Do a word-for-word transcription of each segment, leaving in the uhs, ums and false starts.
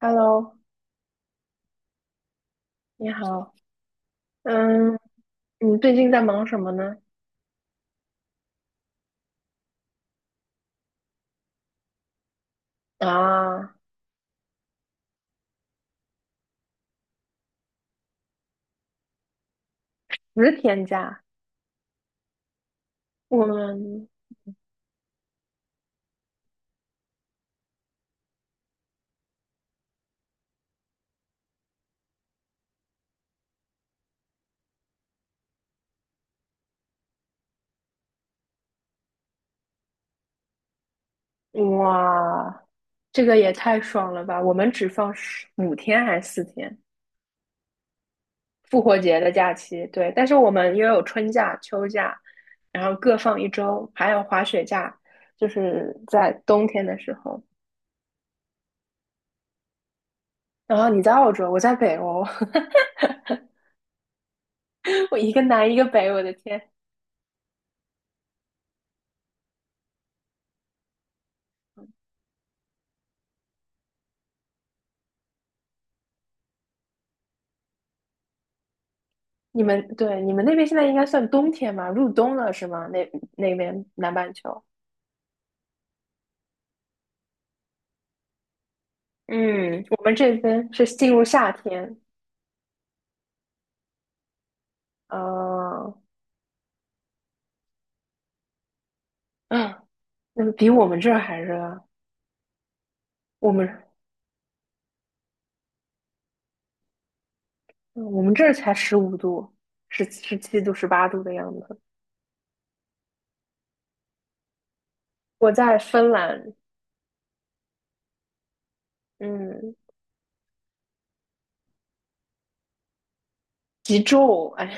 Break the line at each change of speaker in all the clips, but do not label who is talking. Hello，你好。嗯，你最近在忙什么呢？啊，十天假，我们哇，这个也太爽了吧！我们只放十五天还是四天？复活节的假期，对，但是我们又有春假、秋假，然后各放一周，还有滑雪假，就是在冬天的时候。然后你在澳洲，我在北欧，我一个南一个北，我的天！你们，对，你们那边现在应该算冬天吧？入冬了是吗？那，那边南半球，嗯，我们这边是进入夏天，呃，嗯，那个比我们这儿还热啊，我们嗯我们这儿才十五度，十十七度、十八度的样子。我在芬兰，嗯，极昼，哎，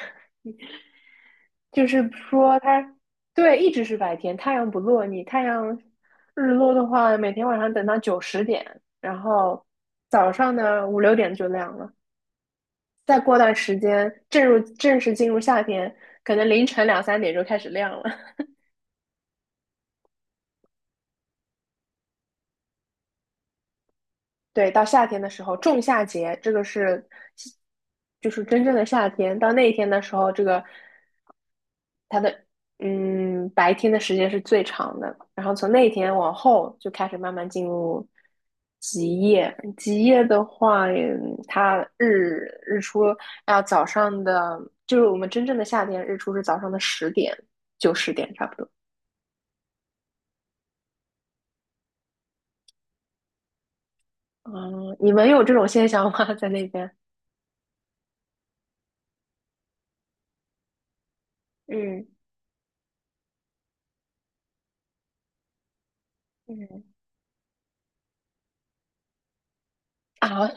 就是说它，对，一直是白天，太阳不落。你太阳日落的话，每天晚上等到九十点，然后早上呢五六点就亮了。再过段时间，正入正式进入夏天，可能凌晨两三点就开始亮了。对，到夏天的时候，仲夏节，这个是就是真正的夏天。到那一天的时候，这个它的嗯白天的时间是最长的，然后从那天往后就开始慢慢进入极夜。极夜的话，嗯它日日出要早上的，就是我们真正的夏天日出是早上的十点，九十点差不多。嗯，你们有这种现象吗？在那边？嗯嗯啊，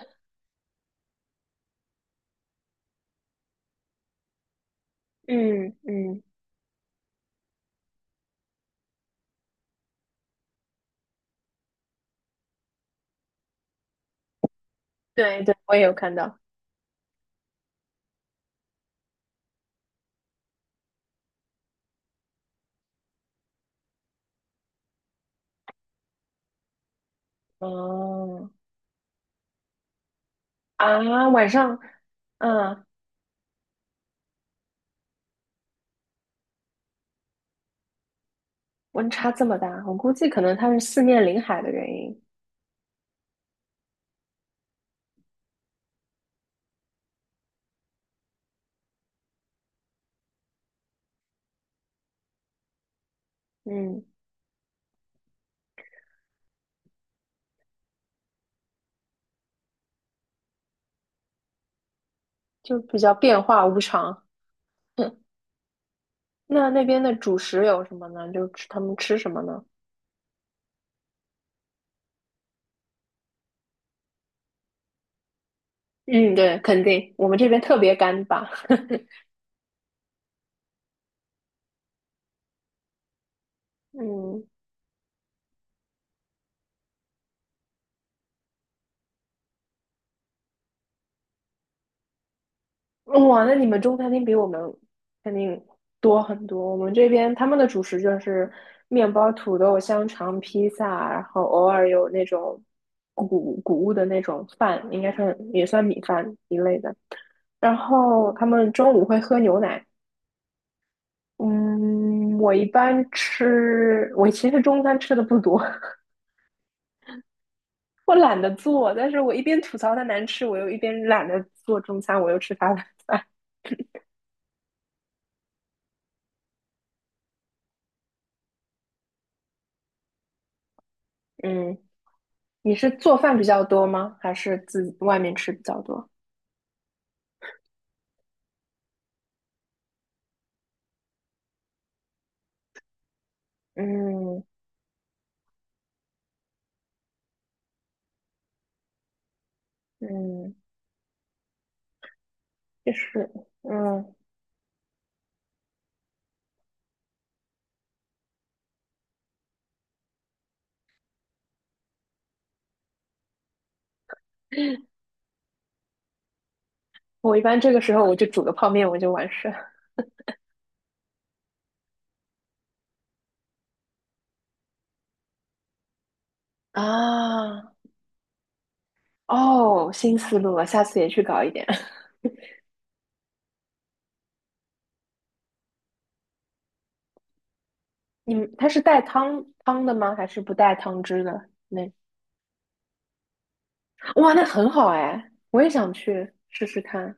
嗯嗯，对对，我也有看到。哦啊，晚上，嗯，温差这么大，我估计可能它是四面临海的原因，嗯，就比较变化无常。那，那边的主食有什么呢？就吃他们吃什么呢？嗯，对，肯定我们这边特别干巴。嗯，哇，那你们中餐厅比我们肯定多很多。我们这边他们的主食就是面包、土豆、香肠、披萨，然后偶尔有那种谷谷物的那种饭，应该算也算米饭一类的。然后他们中午会喝牛奶。嗯，我一般吃，我其实中餐吃的不多，我懒得做，但是我一边吐槽它难吃，我又一边懒得做中餐，我又吃它的饭。嗯，你是做饭比较多吗？还是自己外面吃比较多？嗯嗯，就是嗯，我一般这个时候我就煮个泡面，我就完事了。啊，哦，新思路了，下次也去搞一点。你们，它是带汤汤的吗？还是不带汤汁的？那哇，那很好哎，我也想去试试看。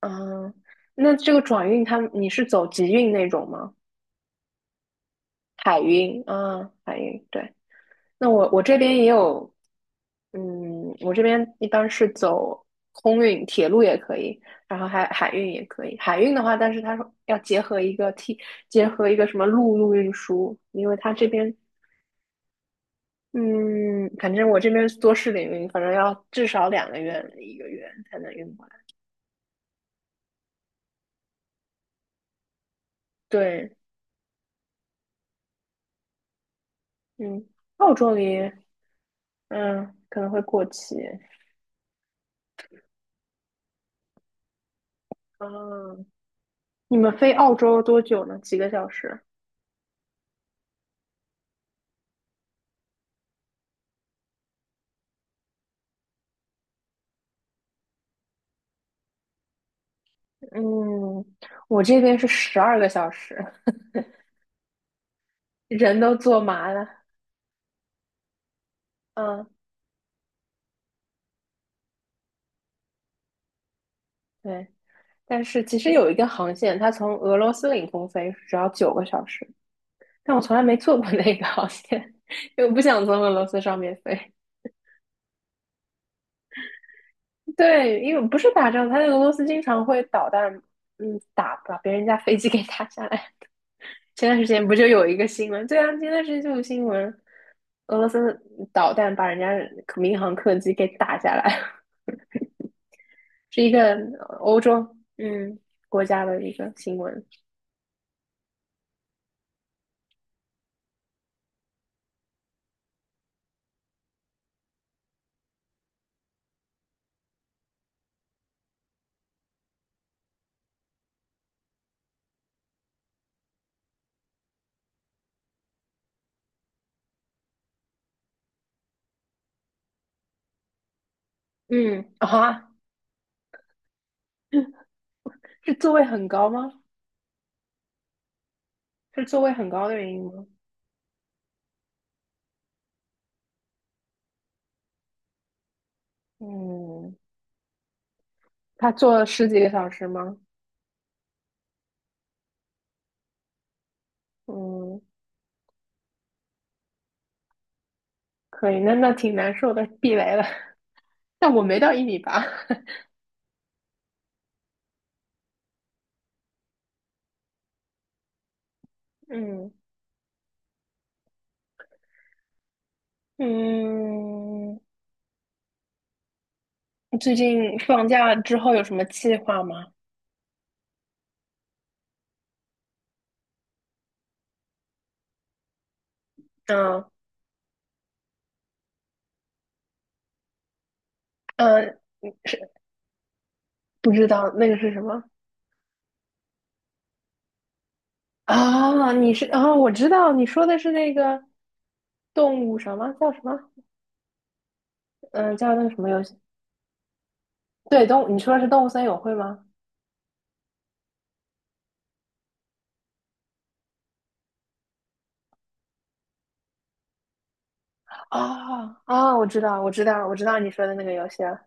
啊。那这个转运它你是走集运那种吗？海运啊，海运对。那我我这边也有，嗯，我这边一般是走空运，铁路也可以，然后还海运也可以。海运的话，但是它要结合一个 T，结合一个什么陆路运输，因为它这边嗯，反正我这边做试领运，反正要至少两个月一个月才能运过来。对，嗯，澳洲里，嗯，可能会过期。嗯，你们飞澳洲多久呢？几个小时？嗯，我这边是十二个小时，人都坐麻了。嗯，对。但是其实有一个航线，它从俄罗斯领空飞只要九个小时，但我从来没坐过那个航线，因为我不想从俄罗斯上面飞。对，因为不是打仗，他在俄罗斯经常会导弹，嗯，打把别人家飞机给打下来。前段时间不就有一个新闻？对啊，前段时间就有新闻，俄罗斯导弹把人家民航客机给打下来，是一个欧洲嗯国家的一个新闻。嗯啊，是座位很高吗？是座位很高的原因吗？嗯，他坐了十几个小时吗？嗯，可以，那，那挺难受的，避雷了。但我没到一米八，嗯。嗯，最近放假之后有什么计划吗？嗯嗯，是不知道那个是什么啊？你是啊？我知道你说的是那个动物什么叫什么？嗯，叫那个什么游戏？对，动物，你说的是动物森友会吗？啊啊，我知道，我知道，我知道你说的那个游戏了。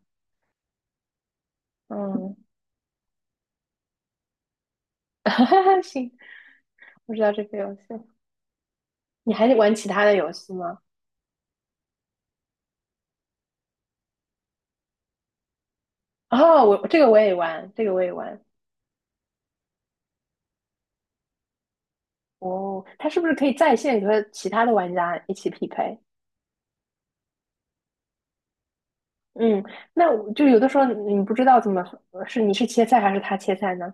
嗯，行，我知道这个游戏。你还玩其他的游戏吗？哦，我这个我也玩，这个我也玩。哦，它是不是可以在线和其他的玩家一起匹配？嗯，那我就有的时候你不知道怎么呃是你是切菜还是他切菜呢？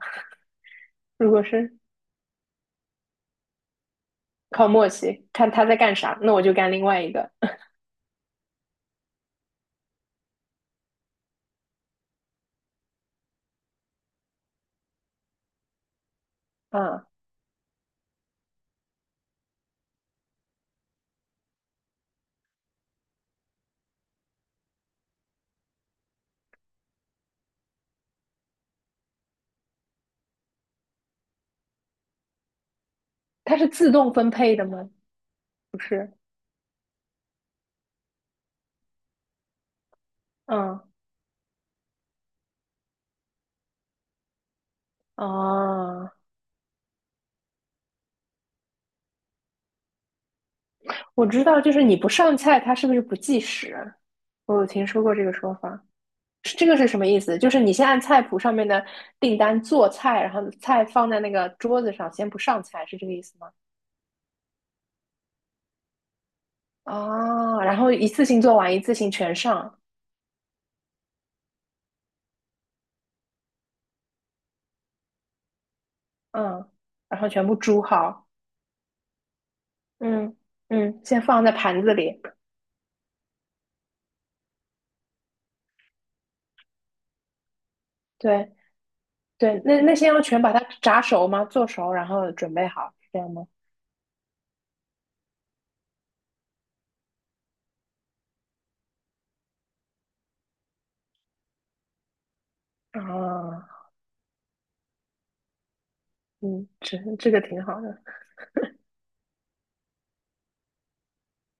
如果是靠默契，看他在干啥，那我就干另外一个。嗯，它是自动分配的吗？不是。嗯，哦，我知道，就是你不上菜，它是不是不计时？我有听说过这个说法，是这个是什么意思？就是你先按菜谱上面的订单做菜，然后菜放在那个桌子上，先不上菜，是这个意思吗？哦，然后一次性做完，一次性全上，嗯，然后全部煮好，嗯嗯，先放在盘子里，对对，那，那些要全把它炸熟吗？做熟，然后准备好，是这样吗？啊，嗯，这这个挺好的，